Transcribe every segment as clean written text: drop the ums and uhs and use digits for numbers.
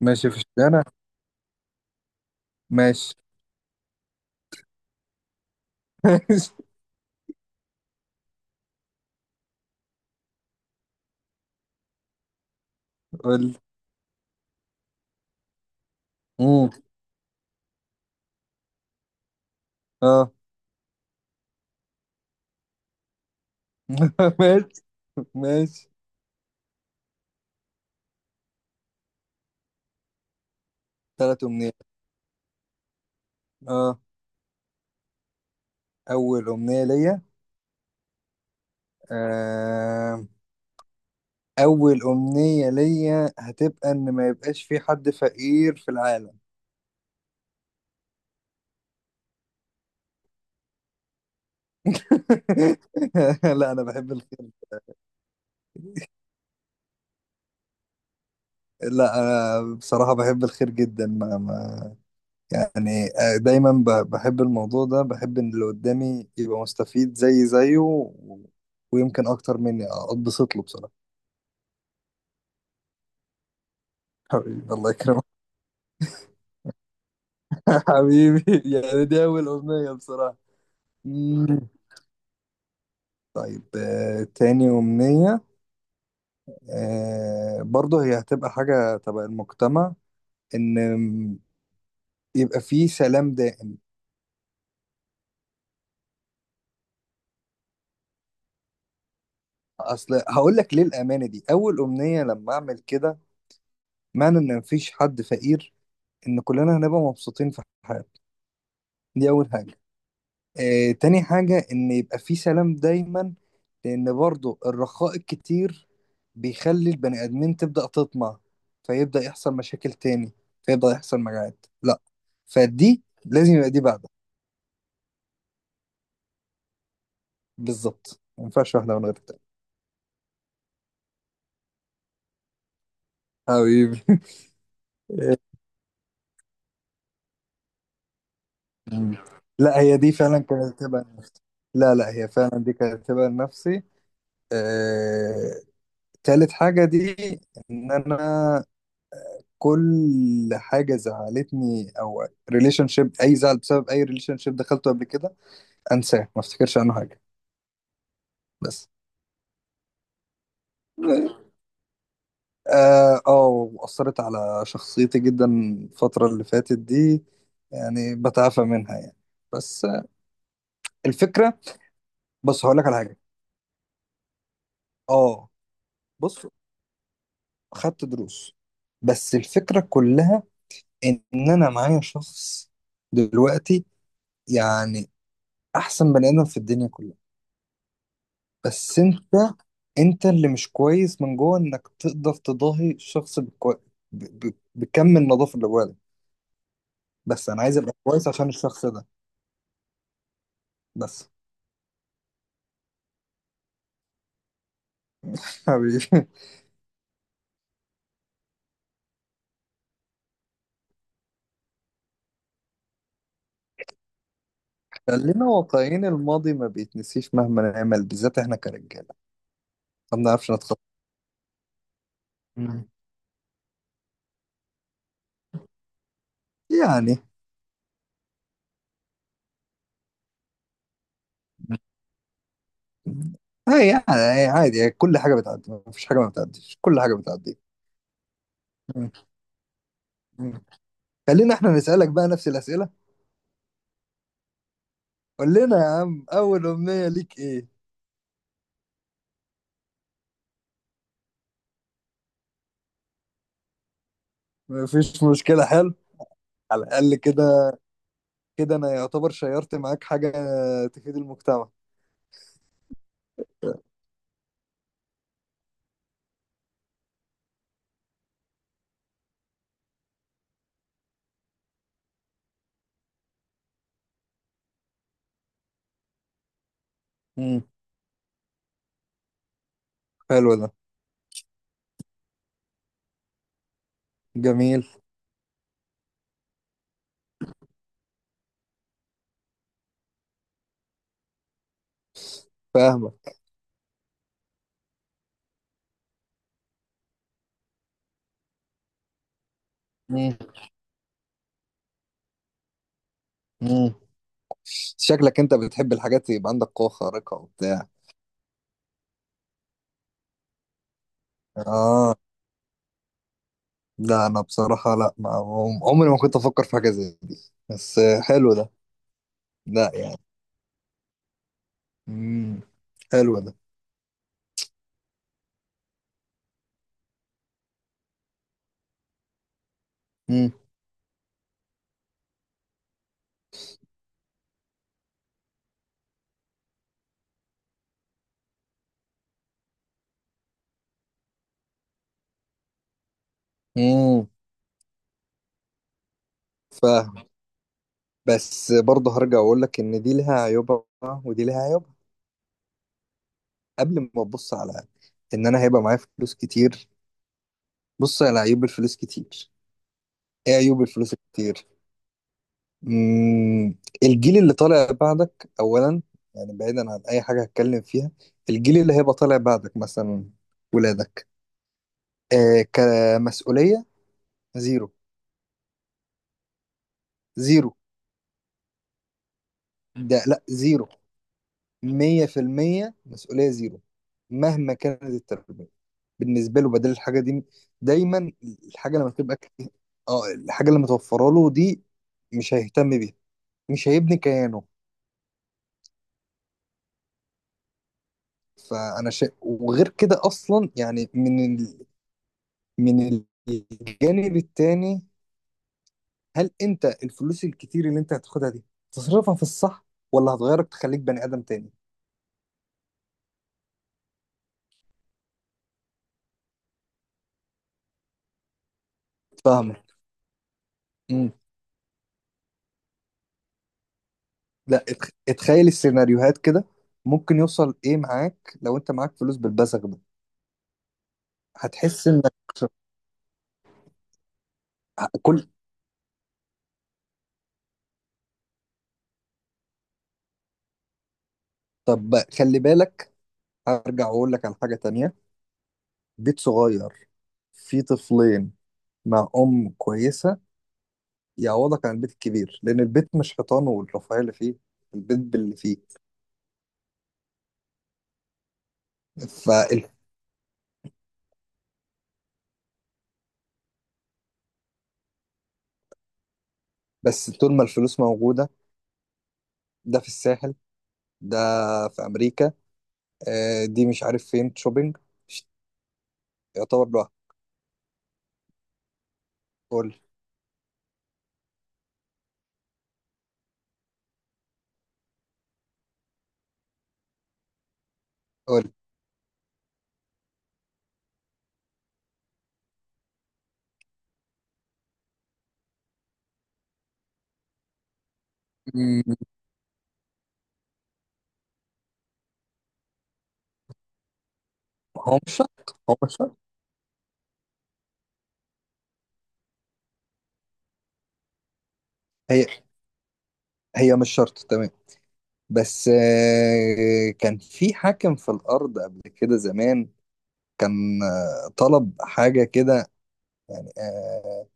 ماشي في الشارع. ماشي. ماشي. قول. امم. اه. ماشي ماشي. ثلاث امنيات. اه، اول امنية ليا. آه. اول امنية ليا هتبقى ان ما يبقاش في حد فقير في العالم. لا انا بحب الخير. لا انا بصراحة بحب الخير جدا، ما يعني. دايما بحب الموضوع ده، بحب ان اللي قدامي يبقى مستفيد زي زيه ويمكن اكتر مني، اتبسط له بصراحة. حبيبي، الله يكرمك. حبيبي، يعني دي أول أمنية بصراحة. مم. طيب، تاني أمنية برضه هي هتبقى حاجة تبع المجتمع، إن يبقى فيه سلام دائم. أصل هقول لك ليه الأمانة دي أول أمنية. لما أعمل كده معنى إن مفيش حد فقير، إن كلنا هنبقى مبسوطين في حياتنا. دي أول حاجة. تاني حاجة إن يبقى في سلام دايما، لأن برضو الرخاء الكتير بيخلي البني آدمين تبدأ تطمع، فيبدأ يحصل مشاكل تاني، فيبدأ يحصل مجاعات. لا، فدي لازم يبقى دي بعدها. بالظبط، ما ينفعش واحدة من غير التانية. حبيبي. لا، هي دي فعلا كانت تبقى نفسي. لا لا، هي فعلا دي كانت تبقى نفسي. آه... تالت حاجة دي إن أنا كل حاجه زعلتني او ريليشن شيب، اي زعل بسبب اي ريليشن شيب دخلته قبل كده، انساه، ما افتكرش عنه حاجه بس. اه، واثرت على شخصيتي جدا الفتره اللي فاتت دي، يعني بتعافى منها يعني. بس الفكره، بص هقول لك على حاجه. اه، بص، خدت دروس. بس الفكره كلها ان انا معايا شخص دلوقتي، يعني احسن بني ادم في الدنيا كلها. بس انت, انت اللي مش كويس من جوه، انك تقدر تضاهي الشخص بكم النظافه اللي جواك. بس انا عايز ابقى كويس عشان الشخص ده بس. حبيبي. خلينا واقعيين، الماضي ما بيتنسيش مهما نعمل، بالذات احنا كرجاله ما بنعرفش نتخطى. مم. يعني هي، يعني هي عادي، هي كل حاجه بتعدي، ما فيش حاجه ما بتعديش، كل حاجه بتعدي. مم. مم. خلينا احنا نسالك بقى نفس الاسئله. قول لنا يا عم، اول امنيه ليك ايه؟ ما فيش مشكله، حلو. على الأقل كده كده أنا يعتبر شيرت معاك حاجة تفيد المجتمع. امم، حلو ده. جميل. فاهمك. امم. امم. شكلك أنت بتحب الحاجات يبقى عندك قوة خارقة وبتاع. آه. لا أنا بصراحة، لا، ما عمري ما كنت أفكر في حاجة زي دي، بس حلو ده. لا يعني. امم، حلو ده. امم. امم. فاهم. بس برضه هرجع أقول لك إن دي لها عيوبها ودي لها عيوبها. قبل ما تبص على ان انا هيبقى معايا فلوس كتير، بص على عيوب الفلوس كتير. ايه عيوب الفلوس كتير؟ مم. الجيل اللي طالع بعدك اولا، يعني بعيدا عن اي حاجه هتكلم فيها، الجيل اللي هيبقى طالع بعدك مثلا، ولادك، آه، كمسؤوليه زيرو. زيرو. ده لا زيرو. 100% مسؤولية زيرو مهما كانت التربية. بالنسبة له بدل الحاجة دي دايما، الحاجة لما تبقى، اه، الحاجة اللي متوفرة له دي مش هيهتم بيها، مش هيبني كيانه. وغير كده اصلا، يعني من الجانب التاني، هل انت الفلوس الكتير اللي انت هتاخدها دي تصرفها في الصح، ولا هتغيرك تخليك بني ادم تاني؟ فاهمك. امم. لا اتخيل السيناريوهات كده، ممكن يوصل ايه معاك لو انت معاك فلوس بالبزغ ده. هتحس انك كل، طب بقى، خلي بالك، هرجع واقول لك على حاجة تانية. بيت صغير فيه طفلين مع ام كويسة يعوضك عن البيت الكبير، لان البيت مش حيطانه والرفاهيه اللي فيه، البيت باللي فيه. فال... بس طول ما الفلوس موجوده، ده في الساحل، ده في امريكا، دي مش عارف فين شوبينج، ش- يعتبر لوحده. قول. قول. مم، هو مش شرط، هو مش شرط. هي، هي مش شرط، تمام. بس كان في حاكم في الارض قبل كده زمان، كان طلب حاجه كده، يعني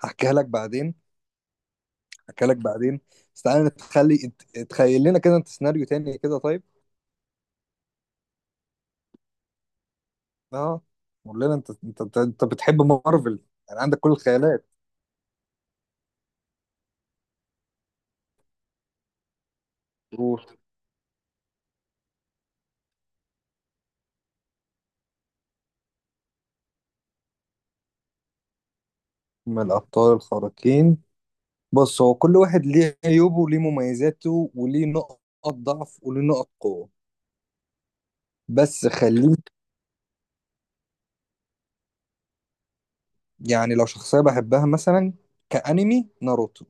هحكيها لك بعدين، اكلك بعدين. بس تعالى نتخلي، تخيل لنا كده انت سيناريو تاني كده طيب. اه. قول لنا انت، انت بتحب مارفل يعني عندك كل الخيالات. قول. من الابطال الخارقين، بص، هو كل واحد ليه عيوبه وليه مميزاته وليه نقط ضعف وليه نقط قوة. بس خليك، يعني لو شخصية بحبها مثلا كأنمي ناروتو،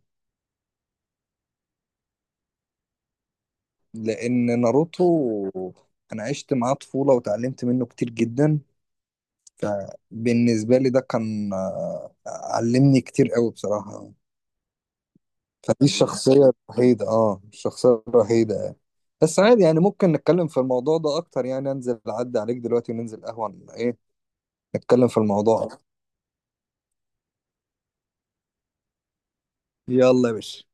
لأن ناروتو أنا عشت معاه طفولة وتعلمت منه كتير جدا، فبالنسبة لي ده كان، علمني كتير قوي بصراحة. فدي الشخصية الوحيدة، الشخصية الوحيدة. بس عادي يعني، ممكن نتكلم في الموضوع ده أكتر، يعني أنزل أعدي عليك دلوقتي وننزل قهوة إيه، نتكلم في الموضوع أكتر. يلا يا باشا.